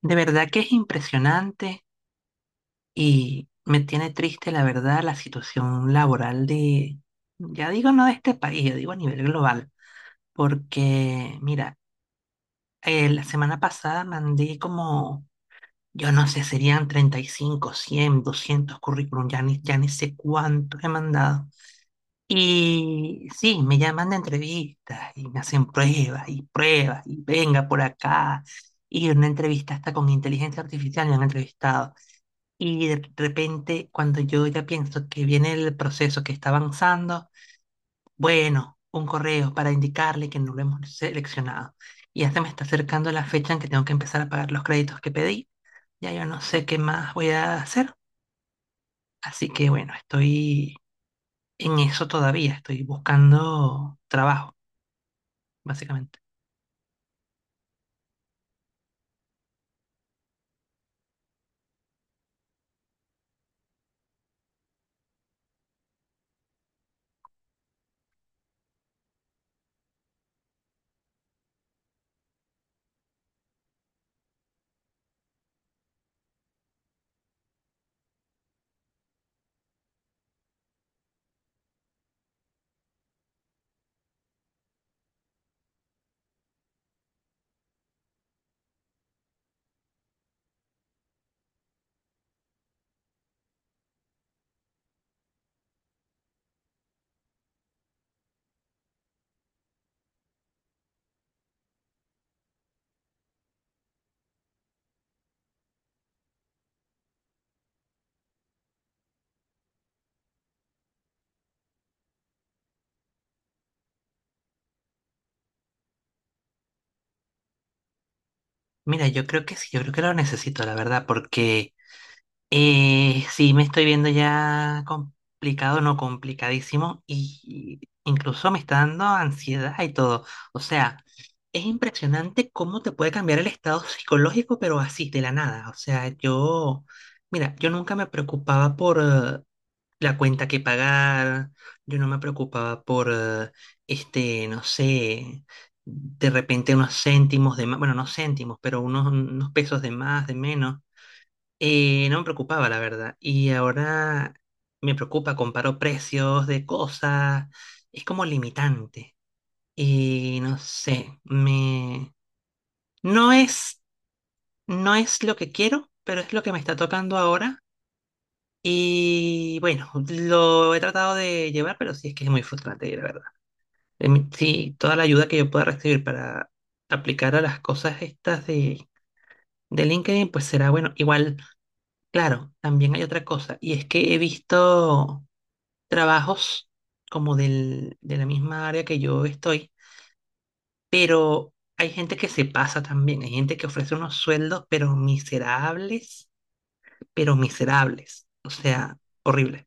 De verdad que es impresionante y me tiene triste, la verdad, la situación laboral de, ya digo no de este país, yo digo a nivel global, porque mira, la semana pasada mandé como, yo no sé, serían 35 100 200 currículum, ya ni sé cuántos he mandado. Y sí, me llaman de entrevistas y me hacen pruebas y pruebas y venga por acá. Y una entrevista hasta con inteligencia artificial me han entrevistado. Y de repente, cuando yo ya pienso que viene el proceso que está avanzando, bueno, un correo para indicarle que no lo hemos seleccionado. Y ya se me está acercando la fecha en que tengo que empezar a pagar los créditos que pedí. Ya yo no sé qué más voy a hacer. Así que bueno, estoy en eso todavía. Estoy buscando trabajo, básicamente. Mira, yo creo que sí, yo creo que lo necesito, la verdad, porque sí, me estoy viendo ya complicado, no complicadísimo, y incluso me está dando ansiedad y todo. O sea, es impresionante cómo te puede cambiar el estado psicológico, pero así, de la nada. O sea, yo, mira, yo nunca me preocupaba por la cuenta que pagar, yo no me preocupaba por, no sé, de repente unos céntimos de más, bueno, no céntimos, pero unos pesos de más, de menos. No me preocupaba, la verdad. Y ahora me preocupa, comparo precios de cosas. Es como limitante. Y no sé, me... No es, no es lo que quiero, pero es lo que me está tocando ahora. Y bueno, lo he tratado de llevar, pero sí es que es muy frustrante, la verdad. Sí, toda la ayuda que yo pueda recibir para aplicar a las cosas estas de LinkedIn, pues será bueno. Igual, claro, también hay otra cosa. Y es que he visto trabajos como de la misma área que yo estoy, pero hay gente que se pasa también, hay gente que ofrece unos sueldos, pero miserables, o sea, horrible.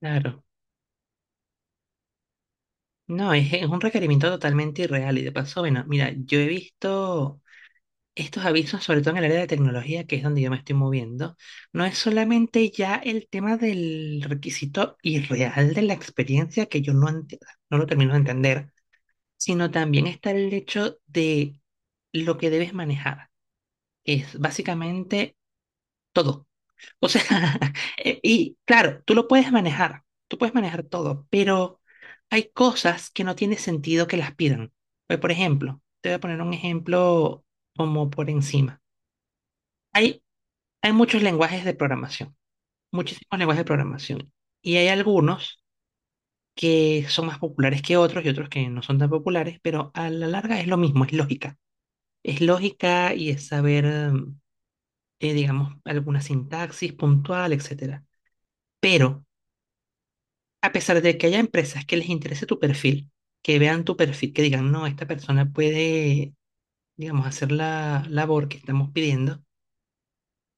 Claro. No, es un requerimiento totalmente irreal y de paso, bueno, mira, yo he visto estos avisos, sobre todo en el área de tecnología, que es donde yo me estoy moviendo, no es solamente ya el tema del requisito irreal de la experiencia que yo no, enti- no lo termino de entender, sino también está el hecho de lo que debes manejar, que es básicamente todo. O sea, y claro, tú lo puedes manejar, tú puedes manejar todo, pero hay cosas que no tiene sentido que las pidan. Pues, por ejemplo, te voy a poner un ejemplo como por encima. Hay, hay muchos lenguajes de programación, muchísimos lenguajes de programación, y hay algunos que son más populares que otros y otros que no son tan populares, pero a la larga es lo mismo, es lógica. Es lógica y es saber, mm, digamos, alguna sintaxis puntual, etcétera. Pero, a pesar de que haya empresas que les interese tu perfil, que vean tu perfil, que digan, no, esta persona puede, digamos, hacer la labor que estamos pidiendo,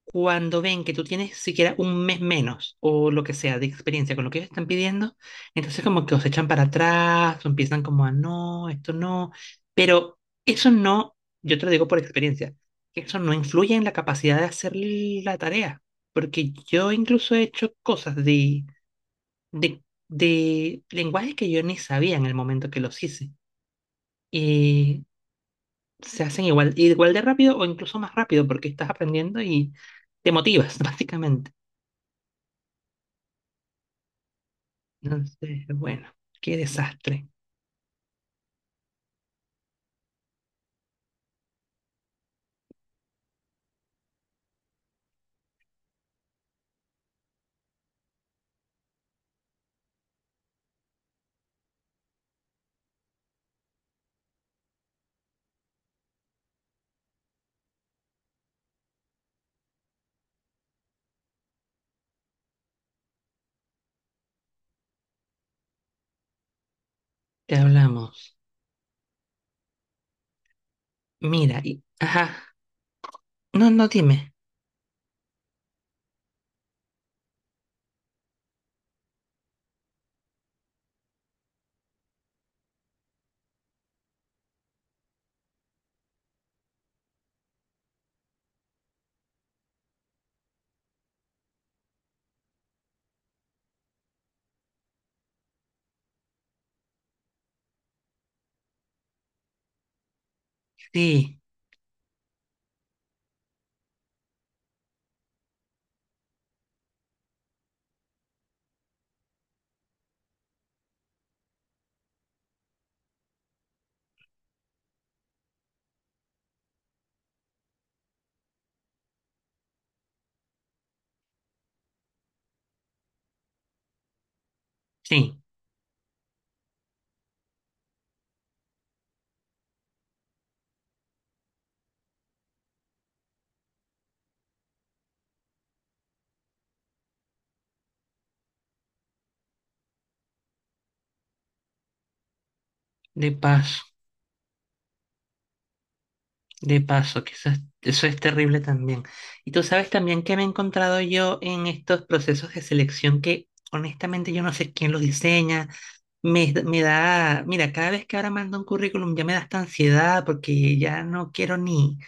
cuando ven que tú tienes siquiera un mes menos o lo que sea de experiencia con lo que ellos están pidiendo, entonces como que os echan para atrás o empiezan como a no, esto no, pero eso no, yo te lo digo por experiencia, que eso no influye en la capacidad de hacer la tarea, porque yo incluso he hecho cosas de, de lenguajes que yo ni sabía en el momento que los hice. Y se hacen igual, igual de rápido o incluso más rápido porque estás aprendiendo y te motivas, básicamente. Entonces, bueno, qué desastre. Te hablamos. Mira, y, ajá, no, no dime. Sí, sí, de paso, de paso, que eso es terrible también. Y tú sabes también que me he encontrado yo en estos procesos de selección que honestamente yo no sé quién los diseña. Me da, mira, cada vez que ahora mando un currículum ya me da esta ansiedad porque ya no quiero ni,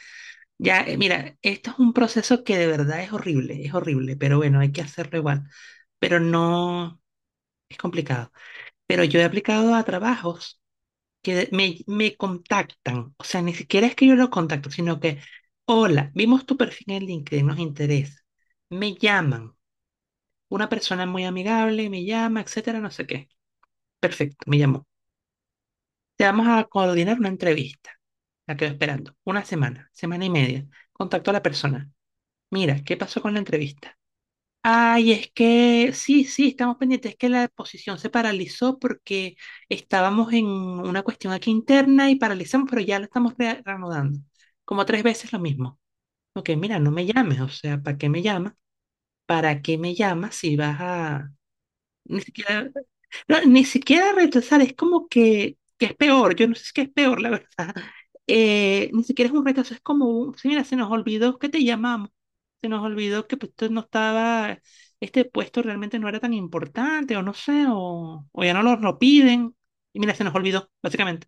ya, mira, esto es un proceso que de verdad es horrible, pero bueno, hay que hacerlo igual. Pero no, es complicado. Pero yo he aplicado a trabajos que me contactan, o sea, ni siquiera es que yo los contacto, sino que, hola, vimos tu perfil en LinkedIn, nos interesa. Me llaman, una persona muy amigable me llama, etcétera, no sé qué. Perfecto, me llamó. Te vamos a coordinar una entrevista, la quedo esperando, una semana, semana y media. Contacto a la persona. Mira, ¿qué pasó con la entrevista? Ay, es que sí, sí, estamos pendientes. Es que la exposición se paralizó porque estábamos en una cuestión aquí interna y paralizamos, pero ya la estamos reanudando. Como tres veces lo mismo. Ok, mira, no me llames, o sea, ¿para qué me llamas? ¿Para qué me llamas si vas a, ni siquiera, no, ni siquiera rechazar, es como que es peor, yo no sé si es peor, la verdad. Ni siquiera es un rechazo, es como un, sí, mira, se nos olvidó que te llamamos, se nos olvidó que pues, tú no estaba, este puesto realmente no era tan importante, o no sé, o ya no nos lo piden, y mira, se nos olvidó, básicamente,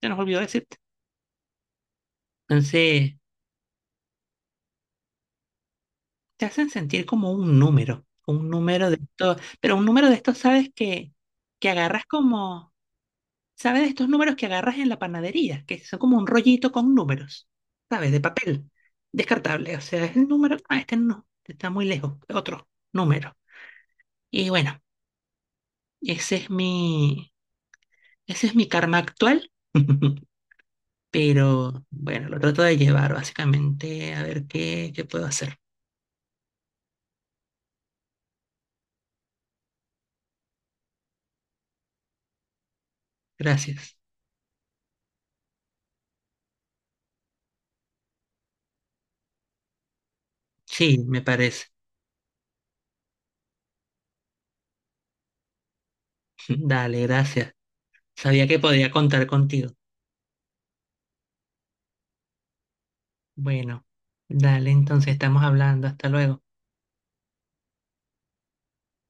se nos olvidó decirte. Entonces, te hacen sentir como un número de esto, pero un número de estos, sabes que agarras como... ¿Sabes de estos números que agarras en la panadería? Que son como un rollito con números, ¿sabes? De papel, descartable. O sea, es el número, ah, este no, este está muy lejos, otro número. Y bueno, ese es mi, ese es mi karma actual. Pero bueno, lo trato de llevar básicamente a ver qué, qué puedo hacer. Gracias. Sí, me parece. Dale, gracias. Sabía que podía contar contigo. Bueno, dale, entonces estamos hablando. Hasta luego.